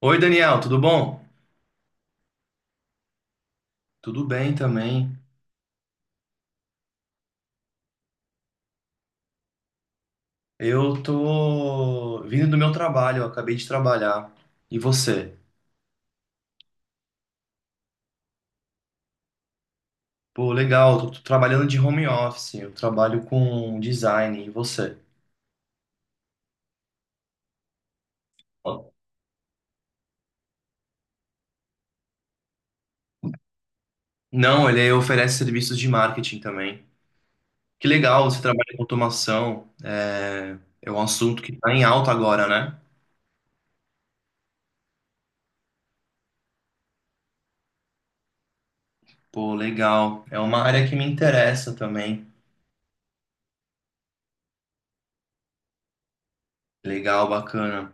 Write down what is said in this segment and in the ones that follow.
Oi, Daniel, tudo bom? Tudo bem também. Eu tô vindo do meu trabalho, eu acabei de trabalhar. E você? Pô, legal, tô trabalhando de home office, eu trabalho com design. E você? Ó. Não, ele oferece serviços de marketing também. Que legal, você trabalha com automação. É, é um assunto que tá em alta agora, né? Pô, legal. É uma área que me interessa também. Legal, bacana.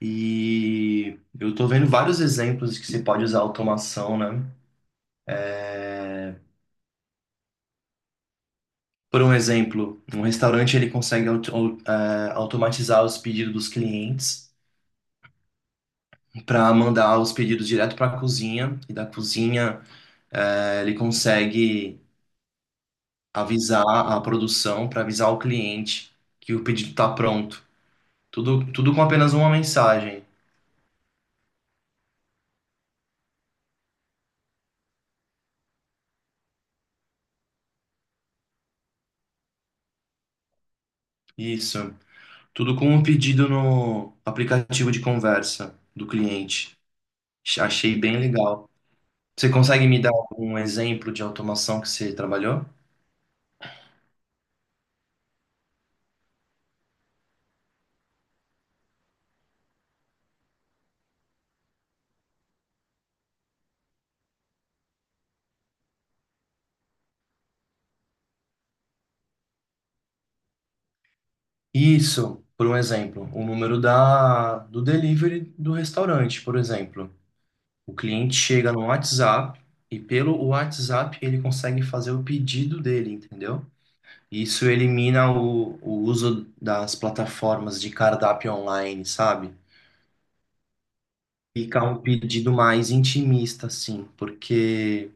E eu tô vendo vários exemplos que se pode usar automação, né? Por um exemplo, um restaurante ele consegue automatizar os pedidos dos clientes para mandar os pedidos direto para a cozinha e da cozinha ele consegue avisar a produção para avisar o cliente que o pedido está pronto. Tudo com apenas uma mensagem. Isso. Tudo com um pedido no aplicativo de conversa do cliente. Achei bem legal. Você consegue me dar um exemplo de automação que você trabalhou? Isso, por um exemplo, o número do delivery do restaurante, por exemplo. O cliente chega no WhatsApp e pelo WhatsApp ele consegue fazer o pedido dele, entendeu? Isso elimina o uso das plataformas de cardápio online, sabe? Fica um pedido mais intimista, assim, porque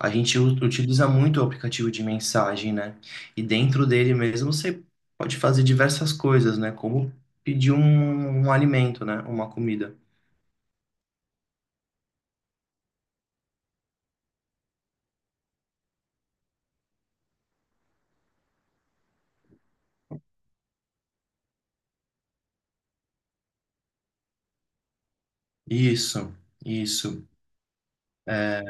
a gente utiliza muito o aplicativo de mensagem, né? E dentro dele mesmo você pode fazer diversas coisas, né? Como pedir um alimento, né? Uma comida. Isso, isso. É,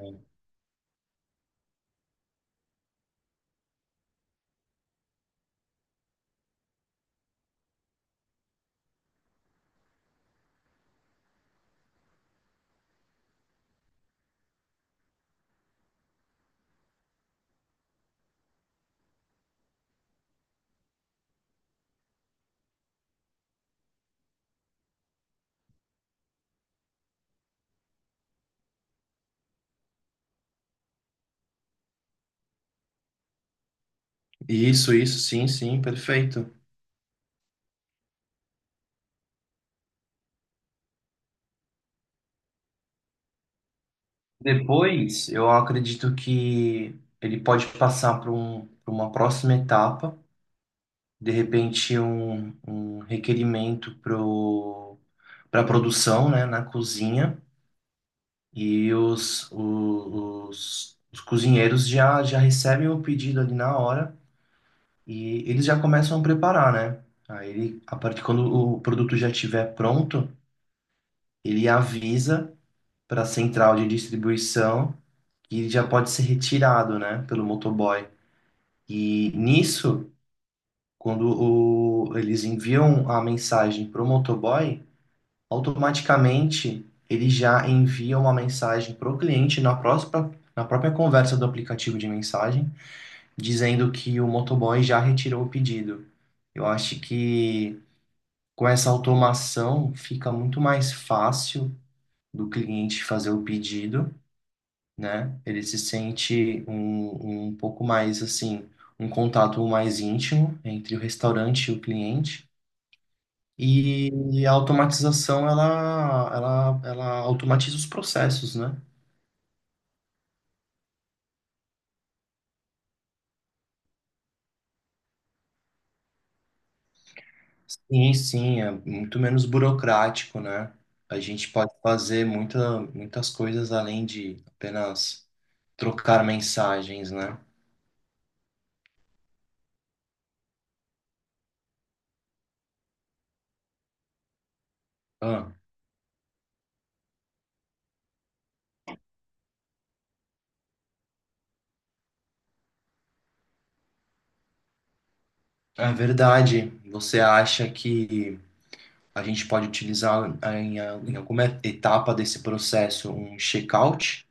isso, sim, sim, perfeito. Depois, eu acredito que ele pode passar para um, para uma próxima etapa, de repente um requerimento para a produção, né, na cozinha. E os cozinheiros já recebem o pedido ali na hora e eles já começam a preparar, né? Aí, a partir quando o produto já estiver pronto, ele avisa para a central de distribuição que ele já pode ser retirado, né, pelo motoboy. E nisso, quando eles enviam a mensagem para o motoboy, automaticamente ele já envia uma mensagem para o cliente na na própria conversa do aplicativo de mensagem, dizendo que o motoboy já retirou o pedido. Eu acho que com essa automação fica muito mais fácil do cliente fazer o pedido, né? Ele se sente um pouco mais assim, um contato mais íntimo entre o restaurante e o cliente. E, e a automatização, ela automatiza os processos, né? Sim, sim, é muito menos burocrático, né? A gente pode fazer muitas coisas além de apenas trocar mensagens, né? Ah, é verdade. Você acha que a gente pode utilizar em, em alguma etapa desse processo um checkout?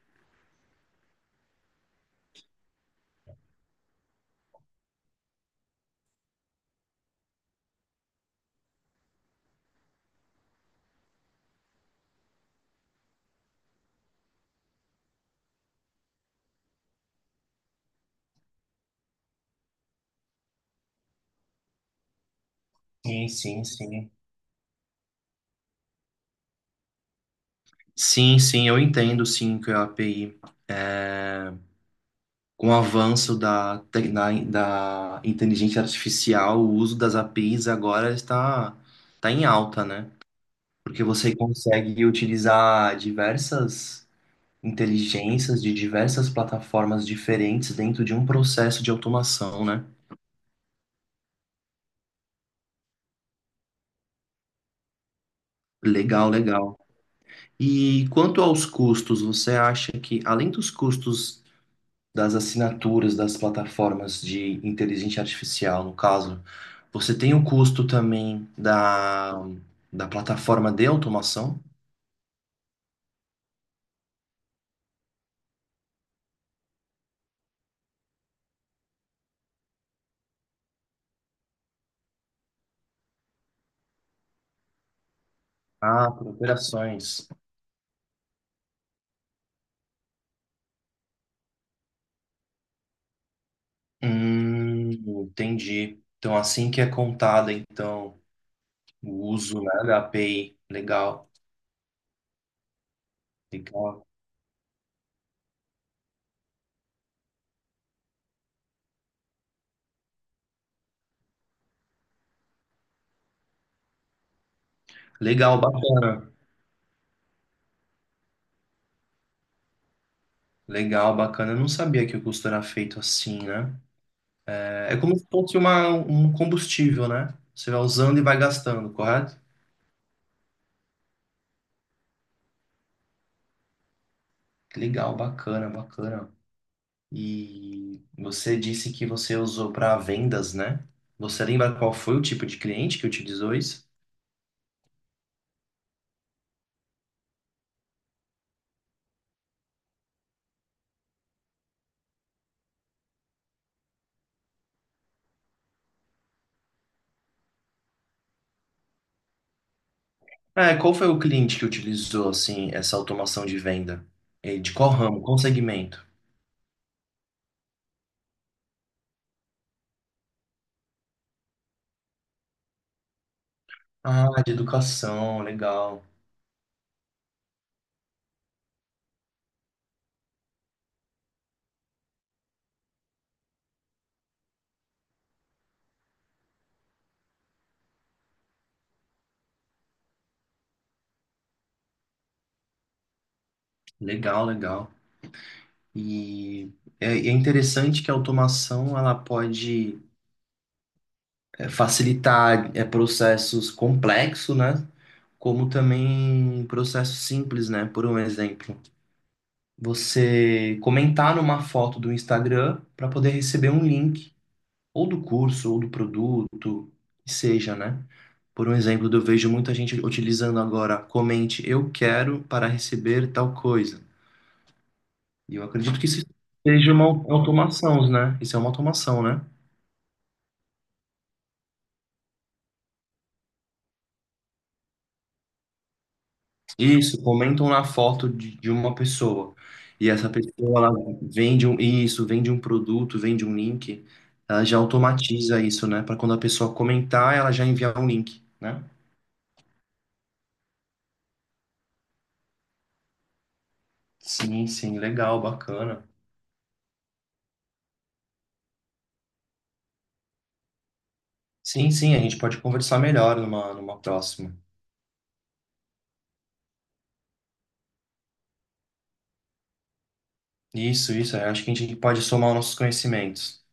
Sim, sim, sim. Sim, sim, eu entendo sim que a API com o avanço da inteligência artificial, o uso das APIs agora está em alta, né? Porque você consegue utilizar diversas inteligências de diversas plataformas diferentes dentro de um processo de automação, né? Legal, legal. E quanto aos custos, você acha que, além dos custos das assinaturas das plataformas de inteligência artificial, no caso, você tem o custo também da, da plataforma de automação? Ah, por operações. Hum, entendi. Então, assim que é contada, então, o uso, né, da API. Legal, legal. Legal, bacana. Legal, bacana. Eu não sabia que o custo era feito assim, né? É, é como se fosse uma, um combustível, né? Você vai usando e vai gastando, correto? Legal, bacana, bacana. E você disse que você usou para vendas, né? Você lembra qual foi o tipo de cliente que utilizou isso? É, qual foi o cliente que utilizou, assim, essa automação de venda? De qual ramo? Qual segmento? Ah, de educação, legal. Legal, legal. E é, é interessante que a automação ela pode facilitar processos complexos, né? Como também processos simples, né? Por um exemplo, você comentar numa foto do Instagram para poder receber um link, ou do curso, ou do produto, que seja, né? Por um exemplo, eu vejo muita gente utilizando agora, comente, eu quero para receber tal coisa. E eu acredito que isso seja uma automação, né? Isso é uma automação, né? Isso, comentam na foto de uma pessoa. E essa pessoa, ela vende um, isso, vende um produto, vende um link. Ela já automatiza isso, né? Para quando a pessoa comentar, ela já enviar um link, né? Sim, sim, legal, bacana. Sim, sim, a gente pode conversar melhor numa, numa próxima. Isso, eu acho que a gente pode somar os nossos conhecimentos.